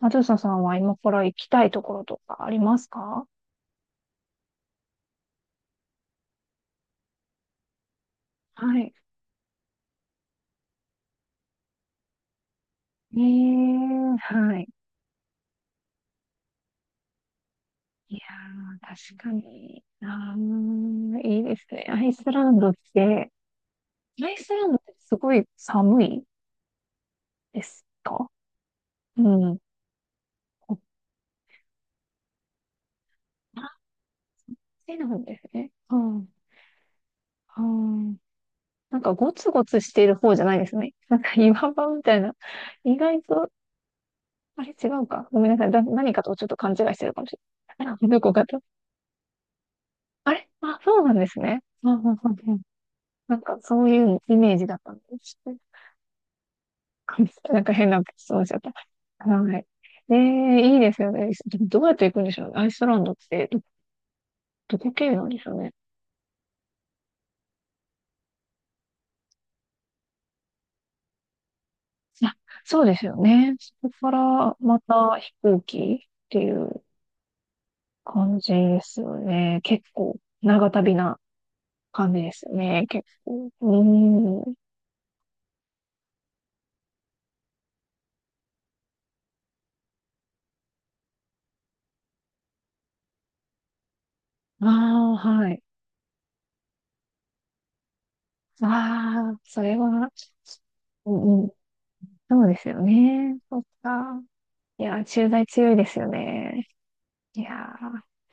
あずささんは今から行きたいところとかありますか？はい。ええ、はい。いやー、確かに。あー、いいですね。アイスランドって、アイスランドってすごい寒いですかうん。こっちなんですね。うん。うん。なんかゴツゴツしている方じゃないですね。なんか岩場みたいな。意外と、あれ違うか。ごめんなさい。何かとちょっと勘違いしてるかもしれない。どこかと。あれあ、そうなんですね。うんうんうんうん、なんかそういうイメージだったんです。なんか変な質問しちゃった。はい。ええ、いいですよね。でもどうやって行くんでしょうね。アイスランドってど、どこ経由なんでしょうね。あ、そうですよね。そこからまた飛行機っていう感じですよね。結構長旅な感じですよね。結構。うーん。ああ、はい。ああ、それは、うん、そうですよね。そっか。いやー、駐在強いですよね。いや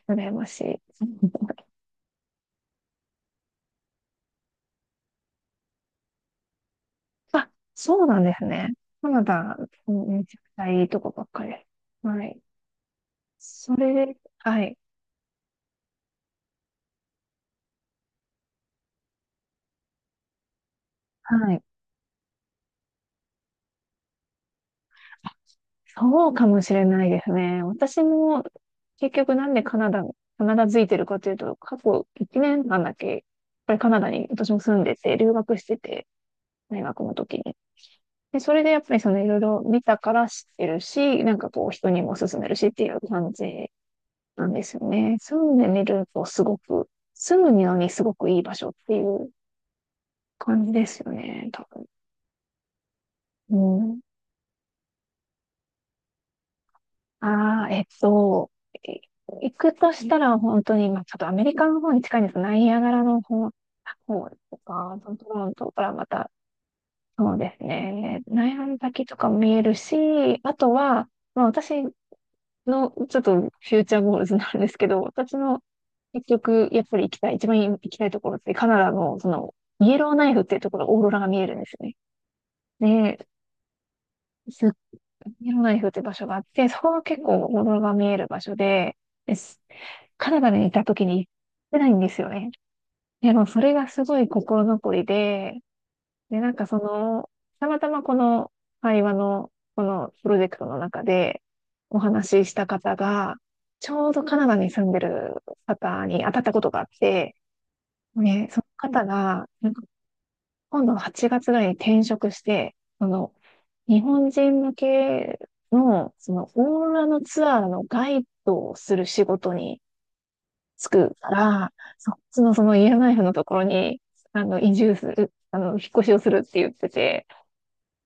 ー、羨ましい。あ、そうなんですね。カナダ、めちゃくちゃいいとこばっかりです。はい。それで、はい。はい。そうかもしれないですね。私も、結局なんでカナダ付いてるかというと、過去1年間だけ、やっぱりカナダに私も住んでて、留学してて、大学の時に。で、それでやっぱりそのいろいろ見たから知ってるし、なんかこう人にも勧めるしっていう感じなんですよね。住んでみるとすごく、住むのにすごくいい場所っていう感じですよね、多分。うん。ああ、い行くとしたら本当に、まあちょっとアメリカの方に近いんですが、ナイアガラの方とか、トロントからまた、そうですね、ナイアガラの滝とかも見えるし、あとは、まあ、私、の、ちょっとフューチャーゴールズなんですけど、私の結局、やっぱり行きたい、一番行きたいところって、カナダの、その、イエローナイフっていうところ、オーロラが見えるんですよね。で、すイエローナイフって場所があって、そこが結構オーロラが見える場所で、ですカナダにいた時に行ってないんですよね。でも、それがすごい心残りで、で、なんかその、たまたまこの会話の、このプロジェクトの中でお話しした方が、ちょうどカナダに住んでる方に当たったことがあって、ね、その方が、なんか今度8月ぐらいに転職して、その、日本人向けの、その、オーロラのツアーのガイドをする仕事に就くから、そっちのそのイエローナイフのところに、あの、移住する、あの、引っ越しをするって言ってて、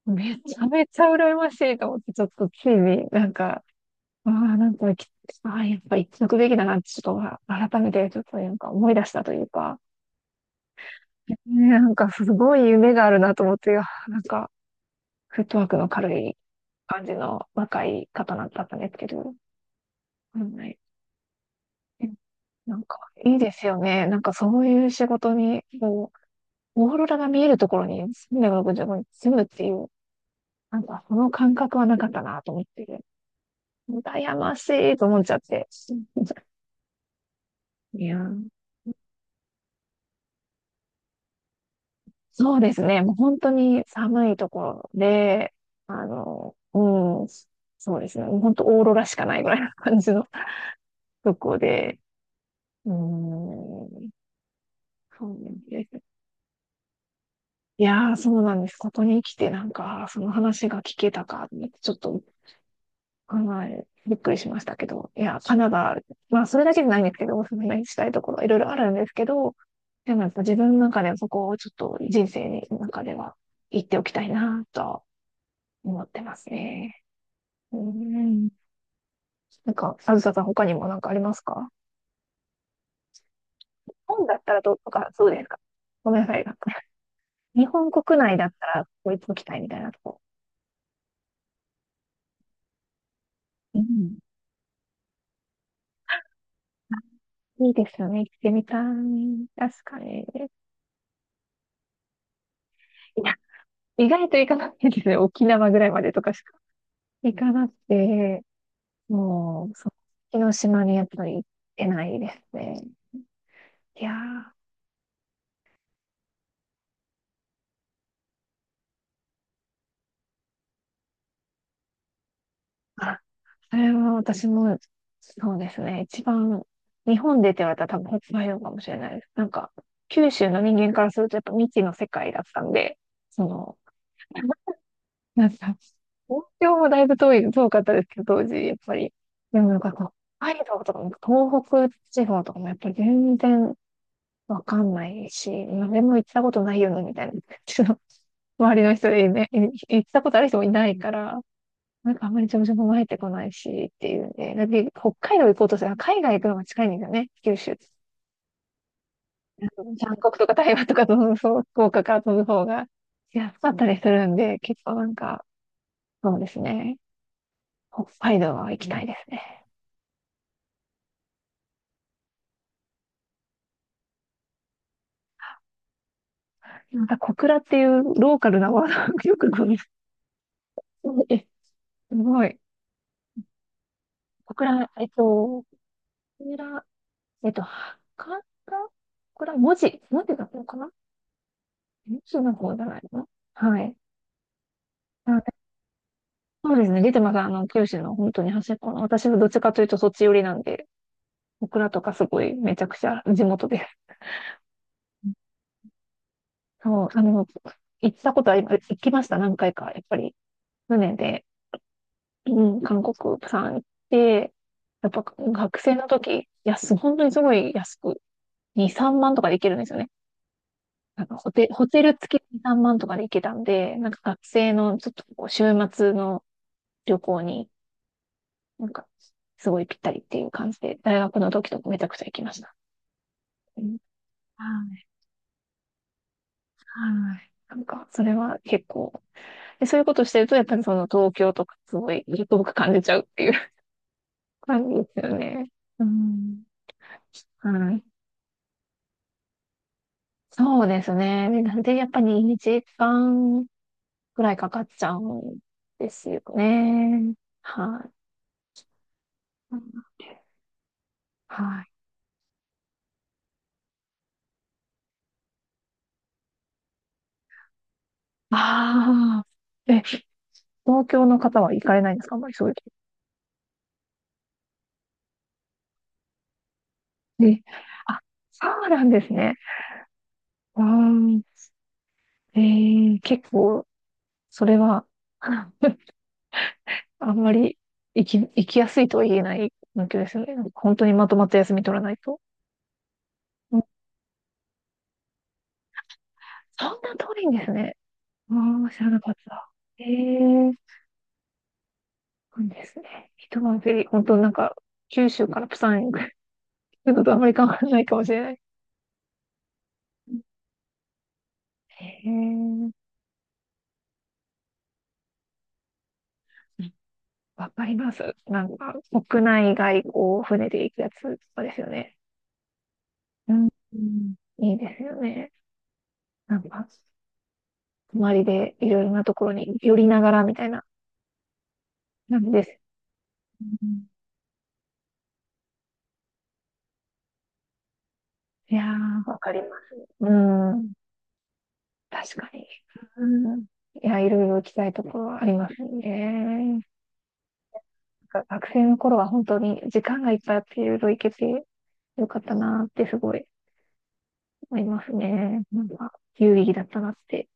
めちゃめちゃ羨ましいと思って、ちょっとついになんか、ああ、なんか、ああ、やっぱ行っとくべきだなって、ちょっと改めてちょっとなんか思い出したというか、ね、なんかすごい夢があるなと思って、いや、なんか、フットワークの軽い感じの若い方だったんですけど、うん、はい、えなんか、いいですよね。なんかそういう仕事に、こう、オーロラが見えるところに365日住むっていう、なんかその感覚はなかったなと思って。羨ましいと思っちゃって。いやー、そうですね。もう本当に寒いところで、あの、うん、そうですね。もう本当オーロラしかないぐらいの感じの とこで、うん、そうなんです。いやー、そうなんです。ここに来てなんか、その話が聞けたかって、ちょっとはい。びっくりしましたけど。いや、カナダ、まあ、それだけじゃないんですけど、おすすめしたいところ、いろいろあるんですけど、でもやっぱ自分の中ではそこをちょっと人生の中では行っておきたいなとは思ってますね。うん。なんか、あずささん、他にもなんかありますか？本だったらどうとか、そうですか。ごめんなさい。なんか 日本国内だったら、ここ行っときたいみたいなとこ。うん。いいですよね。行ってみたい。確かに。いや、意外と行かないですね。沖縄ぐらいまでとか行かなくて、もう、その島にやっぱり行ってないですね。いやー、あ、それは私も、そうですね。一番、日本でって言われたら多分北海道かもしれないです。なんか、九州の人間からするとやっぱ未知の世界だったんで、その、なんか、東京もだいぶ遠かったですけど、当時、やっぱり。でもなんかこう、北海道とかも東北地方とかもやっぱり全然、わかんないし、誰も行ったことないよね、みたいな。ちょっと周りの人でね、行ったことある人もいないから、なんかあんまり情報も入ってこないし、っていうんで、だって北海道行こうとしたら海外行くのが近いんですよね、九州。韓国とか台湾とか飛ぶ、そう、福岡から飛ぶ方が安かったりするんで、結構なんか、そうですね。北海道は行きたいですね。なんか小倉っていうローカルなワードがよくごめん。すごい。小倉、えっと、小倉えっと、はかこれは文字だっのかな？文字の方じゃないの？はい。あ、そうですね。出てます。あの、九州の本当に端っこの。私はどっちかというとそっち寄りなんで、オクラとかすごいめちゃくちゃ地元です。そう、あの、行ったことは、行きました、何回か。やっぱり、船で、うん、韓国、プサン行って、やっぱ学生の時、本当にすごい安く、2、3万とかで行けるんですよね。あのホテル付きで3万とかで行けたんで、なんか学生のちょっとこう週末の旅行に、なんかすごいぴったりっていう感じで、大学の時とかめちゃくちゃ行きました。うん、はい、はい、なんか、それは結構、で、そういうことしてると、やっぱりその東京とかすごい、遠く感じちゃうっていう 感じですよね。うん。はい。そうですね。でなんで、やっぱり2時間ぐらいかかっちゃうんですよね。はい。はい、ああ、え、東京の方は行かれないんですかあんまりそういうと。え、あ、そうなんですね。あー、結構、それは、あんまり行きやすいとは言えない環境ですよね。なんか本当にまとまった休み取らないと。うん、そんな遠いんですね。ああ、知らなかった。ええ、そうなんですね。一晩フェリー、本当なんか、九州からプサンへ行くのとあんまり変わらないかもしれない。へえ。わかります。なんか、国内外こう、船で行くやつとかですよね。うん。うん、いいですよね。なんか、泊まりでいろいろなところに寄りながらみたいな感じです。うん、いやー、わかります。うん。確かに。うん。いや、いろいろ行きたいところはありますね。なんか学生の頃は本当に時間がいっぱいあっていろいろ行けてよかったなってすごい思いますね。なんか、有意義だったなって。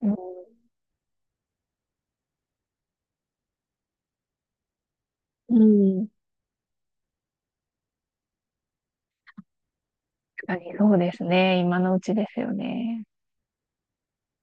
うん。うん。確かにそうですね。今のうちですよね。